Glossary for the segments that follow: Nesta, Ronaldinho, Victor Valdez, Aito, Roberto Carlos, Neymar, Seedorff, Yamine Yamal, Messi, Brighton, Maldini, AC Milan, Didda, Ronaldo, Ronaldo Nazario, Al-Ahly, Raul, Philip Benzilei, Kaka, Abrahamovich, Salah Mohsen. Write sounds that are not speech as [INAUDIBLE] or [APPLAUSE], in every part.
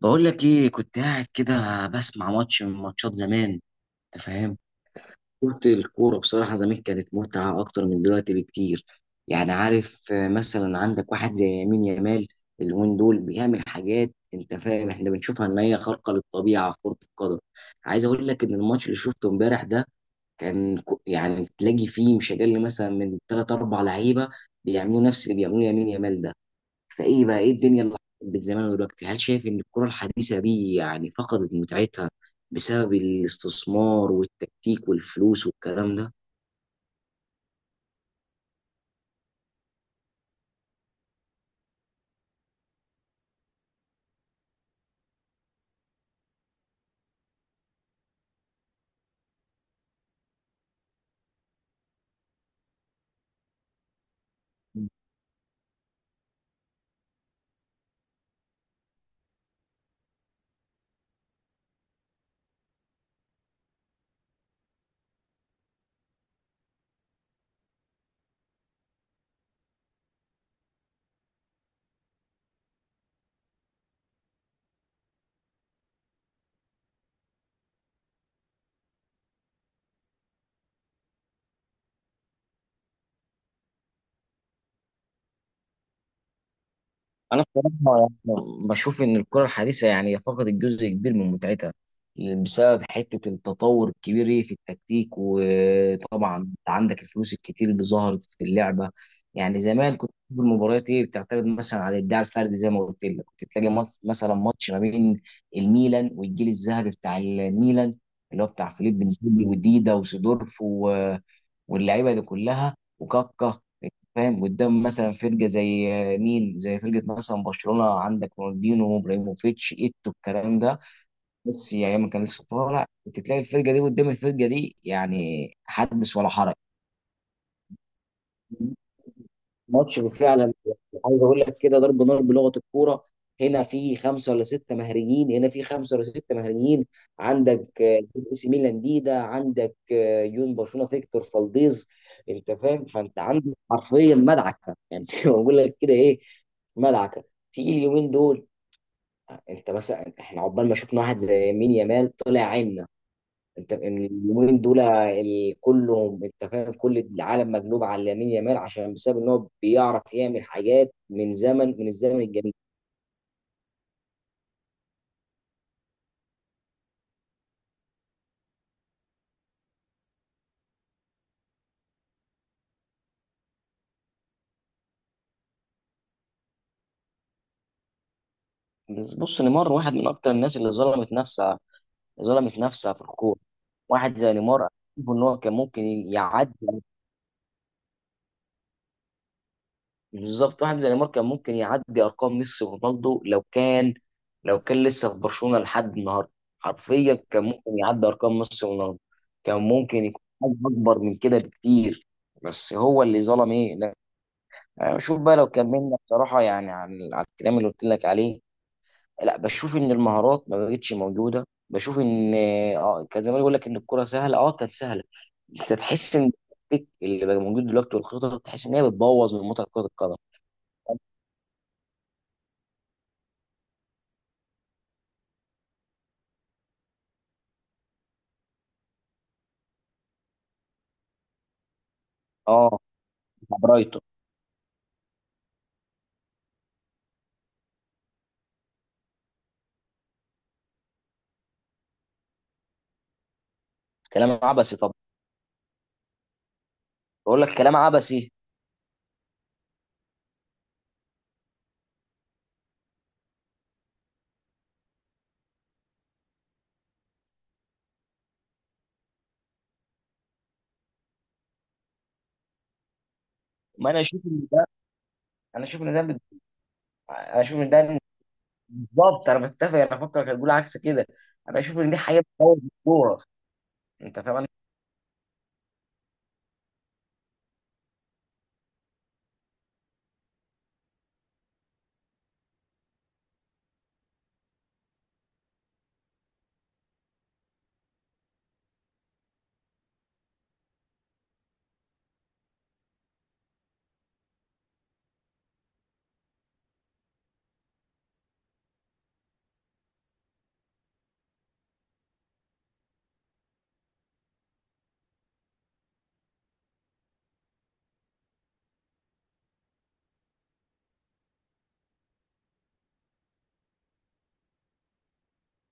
بقول لك ايه، كنت قاعد كده بسمع ماتش من ماتشات زمان. انت فاهم؟ كنت الكوره بصراحه زمان كانت متعه اكتر من دلوقتي بكتير. يعني عارف، مثلا عندك واحد زي يمين يامال اليومين دول بيعمل حاجات، انت فاهم، احنا بنشوفها ان هي خارقه للطبيعه في كره القدم. عايز اقول لك ان الماتش اللي شفته امبارح ده يعني تلاقي فيه مش اقل مثلا من ثلاث اربع لعيبه بيعملوا نفس اللي بيعملوه يمين يامال ده. فايه بقى ايه الدنيا اللي حصلت زمان ودلوقتي؟ هل شايف ان الكرة الحديثة دي يعني فقدت متعتها بسبب الاستثمار والتكتيك والفلوس والكلام ده؟ انا بصراحه بشوف ان الكره الحديثه يعني فقدت جزء كبير من متعتها بسبب حته التطور الكبير إيه في التكتيك، وطبعا انت عندك الفلوس الكتير اللي ظهرت في اللعبه. يعني زمان كنت تشوف المباريات ايه بتعتمد مثلا على الاداء الفردي، زي ما قلت لك كنت تلاقي مثلا ماتش ما بين الميلان والجيل الذهبي بتاع الميلان، اللي هو بتاع فيليب بنزيلي وديدا وسيدورف واللعيبه دي كلها وكاكا، فاهم، قدام مثلا فرقه زي مين، زي فرقه مثلا برشلونه، عندك رونالدينو ابراهيموفيتش ايتو الكلام ده. بس يعني ما كان لسه طالع، كنت تلاقي الفرقه دي قدام الفرقه دي يعني حدث ولا حرج. ماتش فعلا، عايز اقول لك كده ضرب نار بلغه الكوره. هنا في خمسه ولا سته مهريين، هنا في خمسه ولا سته مهريين. عندك اي سي ميلان ديدا، عندك يون برشلونه فيكتور فالديز. انت فاهم، فانت عندك حرفيا مدعكه يعني [LAUGHS] زي ما بقول لك كده، ايه، مدعكه. تيجي اليومين دول انت مثلا، احنا عقبال ما شفنا واحد زي مين يامال طلع عنا. انت إن اليومين دول كلهم، انت فاهم، كل العالم مقلوب على لامين يامال عشان بسبب ان هو بيعرف يعمل حاجات من زمن، من الزمن الجميل. بس بص، نيمار واحد من اكتر الناس اللي ظلمت نفسها، ظلمت نفسها في الكوره. واحد زي نيمار، أنا شايف ان هو كان ممكن يعدي. بالظبط، واحد زي نيمار كان ممكن يعدي ارقام ميسي ورونالدو لو كان، لو كان لسه في برشلونه لحد النهارده. حرفيا كان ممكن يعدي ارقام ميسي ورونالدو. كان ممكن يكون حاجه اكبر من كده بكتير، بس هو اللي ظلم ايه، لا. أنا بشوف بقى، لو كملنا بصراحه يعني عن على الكلام اللي قلت لك عليه، لا بشوف ان المهارات ما بقتش موجوده، بشوف ان كان زمان يقول لك ان الكره سهله، اه كانت سهله. انت تحس ان التكتيك اللي بقى موجود دلوقتي والخطط، تحس ان هي بتبوظ من متعه كره القدم. اه، مع برايتون. كلام عبثي طبعا. بقول لك كلام عبثي. ما انا اشوف ان ده، انا اشوف ان ده بت- انا اشوف ان ده. بالظبط، انا بتفق، انا فكرك هتقول عكس كده. انا اشوف ان دي حقيقه. كوره، انت فاهم انا،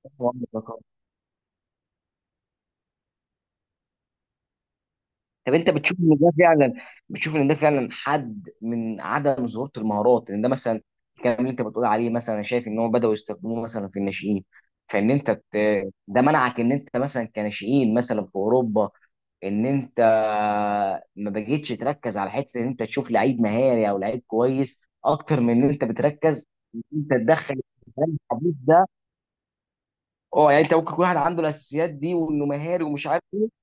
شايف مؤامرة رقابة. طب انت بتشوف ان ده فعلا، بتشوف ان ده فعلا حد من عدم ظهور المهارات؟ ان ده مثلا الكلام اللي انت بتقول عليه، مثلا انا شايف ان هم بداوا يستخدموه مثلا في الناشئين. فان ده منعك ان انت مثلا كناشئين مثلا في اوروبا، ان انت ما بقيتش تركز على حته ان انت تشوف لعيب مهاري او لعيب كويس اكتر من ان انت بتركز ان انت تدخل الكلام الحديث ده. اه، يعني انت ممكن يكون واحد عنده الاساسيات دي وانه مهاري ومش عارف ايه،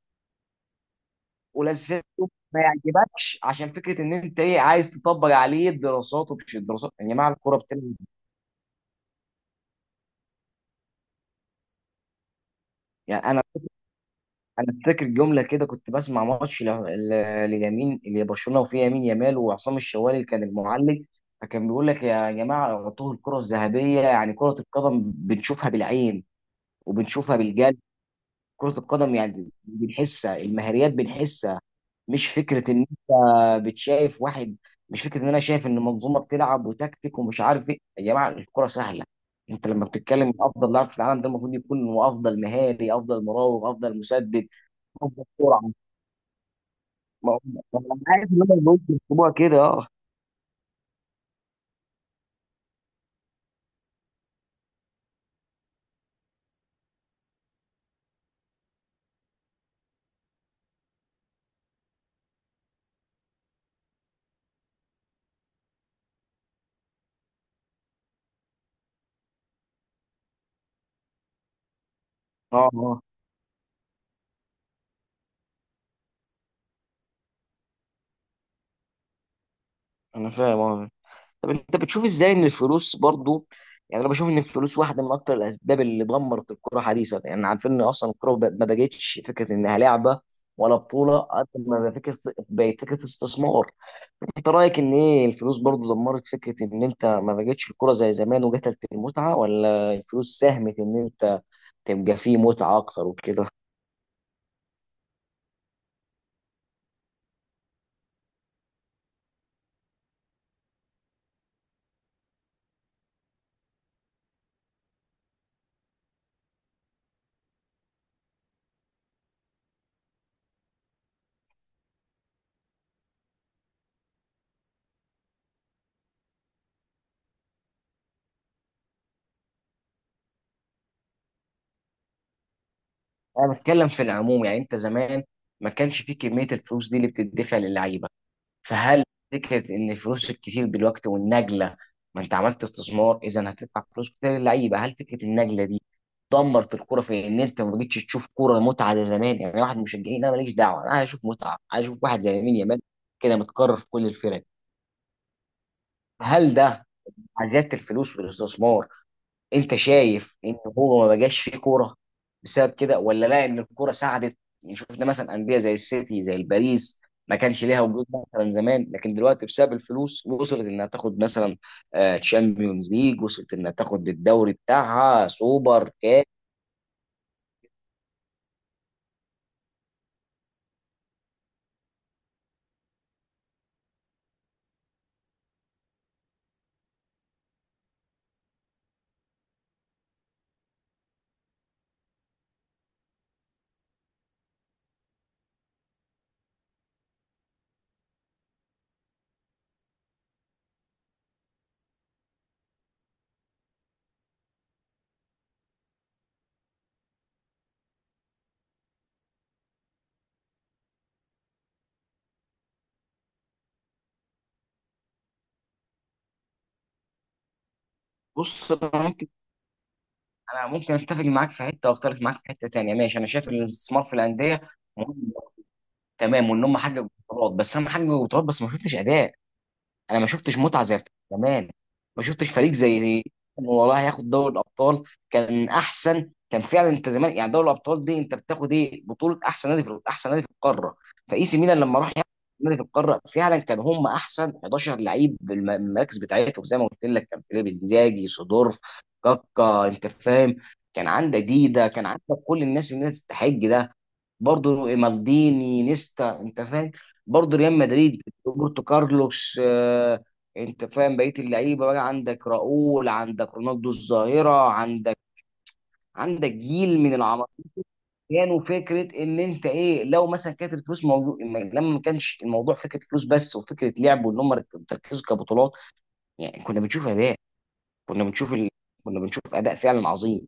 والاساسيات دي ما يعجبكش عشان فكره ان انت ايه عايز تطبق عليه الدراسات، ومش الدراسات يا جماعه، الكوره بتلعب. يعني انا، انا فاكر جمله كده، كنت بسمع ماتش لليمين اللي برشلونه وفيه يمين يامال وعصام الشوالي كان المعلق. فكان بيقول لك يا جماعه اعطوه الكره الذهبيه، يعني كره القدم بنشوفها بالعين وبنشوفها بالجلد. كره القدم يعني بنحسها، المهاريات بنحسها. مش فكره ان انت بتشايف واحد، مش فكره ان انا شايف ان منظومه بتلعب وتكتيك ومش عارف ايه، يا جماعه الكره سهله. انت لما بتتكلم من افضل لاعب في العالم، ده المفروض يكون هو افضل مهاري، افضل مراوغ، افضل مسدد. ما هو انا عارف ان هم البنوك بيكتبوها كده، اه. اه انا فاهم اه. طب انت بتشوف ازاي ان الفلوس برضو؟ يعني انا بشوف ان الفلوس واحده من اكتر الاسباب اللي دمرت الكره حديثا. يعني عارفين ان اصلا الكره ما بقتش فكره انها لعبه ولا بطوله، قد ما بقت فكره، بقت فكره استثمار. انت رايك ان ايه، الفلوس برضو دمرت فكره ان انت ما بقتش الكره زي زمان وقتلت المتعه، ولا الفلوس ساهمت ان انت تبقى فيه متعه اكتر وكده؟ انا بتكلم في العموم. يعني انت زمان ما كانش في كميه الفلوس دي اللي بتدفع للعيبه. فهل فكره ان الفلوس الكتير دلوقتي والنجله، ما انت عملت استثمار اذا هتدفع فلوس كتير للعيبه، هل فكره النجله دي دمرت الكوره في ان انت ما بقتش تشوف كوره متعه زي زمان؟ يعني واحد من المشجعين انا ماليش دعوه، انا عايز اشوف متعه، عايز اشوف واحد زي مين يامال كده، متكرر في كل الفرق. هل ده مع زياده الفلوس والاستثمار، انت شايف ان هو ما بقاش فيه كوره بسبب كده، ولا لا، ان الكوره ساعدت؟ يعني شفنا مثلا انديه زي السيتي، زي الباريس، ما كانش ليها وجود مثلا زمان، لكن دلوقتي بسبب الفلوس وصلت انها تاخد مثلا تشامبيونز ليج، وصلت انها تاخد الدوري بتاعها سوبر كاس. بص، انا ممكن، انا ممكن اتفق معاك في حته واختلف معاك في حته تانيه. ماشي، انا شايف ان الاستثمار في الانديه مهم، تمام، وان هم حققوا بطولات، بس انا حققوا بطولات بس ما شفتش اداء. انا ما شفتش متعه زي بتاعت زمان. ما شفتش فريق زي إنه والله هياخد دوري الابطال، كان احسن. كان فعلا انت زمان يعني دوري الابطال دي انت بتاخد ايه، بطوله احسن نادي في، احسن نادي في القاره. فاي سي ميلان لما راح ياخد نادي في القاره، فعلا كان هم احسن 11 لعيب المراكز بتاعتهم. زي ما قلت لك كان فيليب انزاجي، سيدورف، كاكا، انت فاهم. كان عندك ديدا، كان عندك كل الناس اللي هي تستحق ده. برضه مالديني، نيستا، انت فاهم. برضه ريال مدريد، روبرتو كارلوس، انت فاهم، بقيه اللعيبه، بقى عندك راؤول، عندك رونالدو الظاهره، عندك، عندك جيل من العمالقه. كانوا فكره ان انت ايه، لو مثلا كانت الفلوس موضوع، لما ما كانش الموضوع فكره فلوس بس وفكره لعب وان هم تركزوا كبطولات، يعني كنا بنشوف اداء. كنا بنشوف ال... كنا بنشوف اداء فعلا عظيم.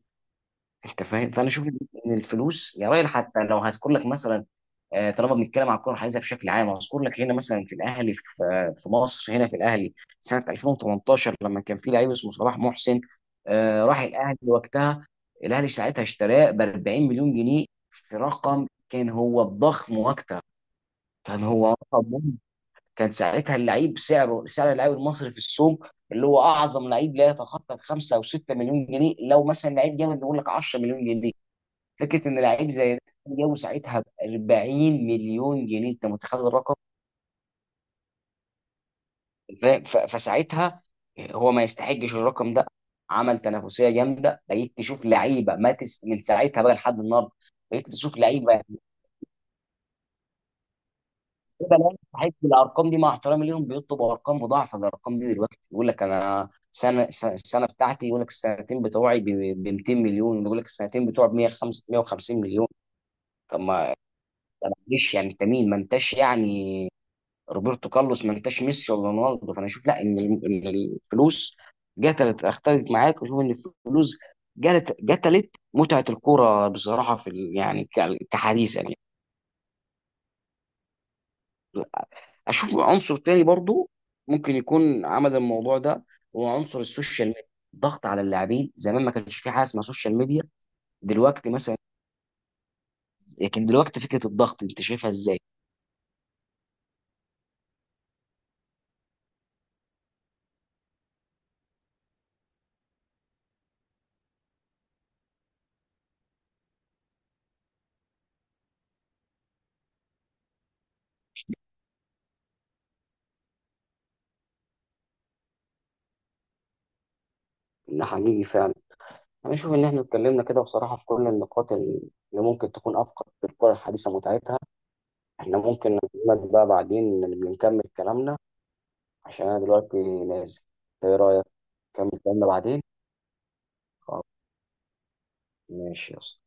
انت فاهم، فانا اشوف ان الفلوس يا راجل، حتى لو هذكر لك مثلا، طالما بنتكلم على الكره الحديثه بشكل عام، هذكر لك هنا مثلا في الاهلي، في في مصر هنا في الاهلي سنه 2018 لما كان في لعيب اسمه صلاح محسن. راح الاهلي وقتها، الاهلي ساعتها اشتراه ب 40 مليون جنيه. في رقم كان هو ضخم وقتها، كان هو رقم مهم. كان ساعتها اللعيب سعره، سعر اللاعب المصري في السوق اللي هو اعظم لعيب لا يتخطى 5 او 6 مليون جنيه، لو مثلا لعيب جامد نقول لك 10 مليون جنيه. فكره ان لعيب زي ده جابه ساعتها ب 40 مليون جنيه، انت متخيل الرقم؟ فاهم؟ فساعتها هو ما يستحقش الرقم ده. عمل تنافسيه جامده، بقيت تشوف لعيبه ما تس... من ساعتها بقى لحد النهارده، بقيت تشوف لعيبه يعني لعيبة لا تستحق الارقام دي، مع احترامي ليهم، بيطلبوا ارقام مضاعفه للارقام دي دلوقتي. يقول لك انا سنه السنه بتاعتي، يقول لك السنتين بتوعي ب 200 مليون، يقول لك السنتين بتوعي ب 150 مليون. طب ما ليش يعني، انت مين؟ ما انتش يعني روبرتو كارلوس، ما انتش ميسي ولا رونالدو. فانا اشوف، لا ان الفلوس قتلت. اختلف معاك واشوف ان الفلوس قتلت متعه الكوره بصراحه في يعني كحديثا يعني. اشوف عنصر تاني برضو ممكن يكون عمل الموضوع ده، هو عنصر السوشيال ميديا، الضغط على اللاعبين. زمان ما كانش في حاجه اسمها سوشيال ميديا. دلوقتي مثلا، لكن دلوقتي فكره الضغط انت شايفها ازاي؟ ده حقيقي فعلا. انا اشوف ان احنا اتكلمنا كده بصراحه في كل النقاط اللي ممكن تكون افقد في الكره الحديثه متعتها. احنا ممكن نكمل بقى بعدين، نكمل كلامنا عشان انا دلوقتي نازل. إنت ايه رايك، نكمل كلامنا بعدين؟ خلاص، ماشي يا اسطى.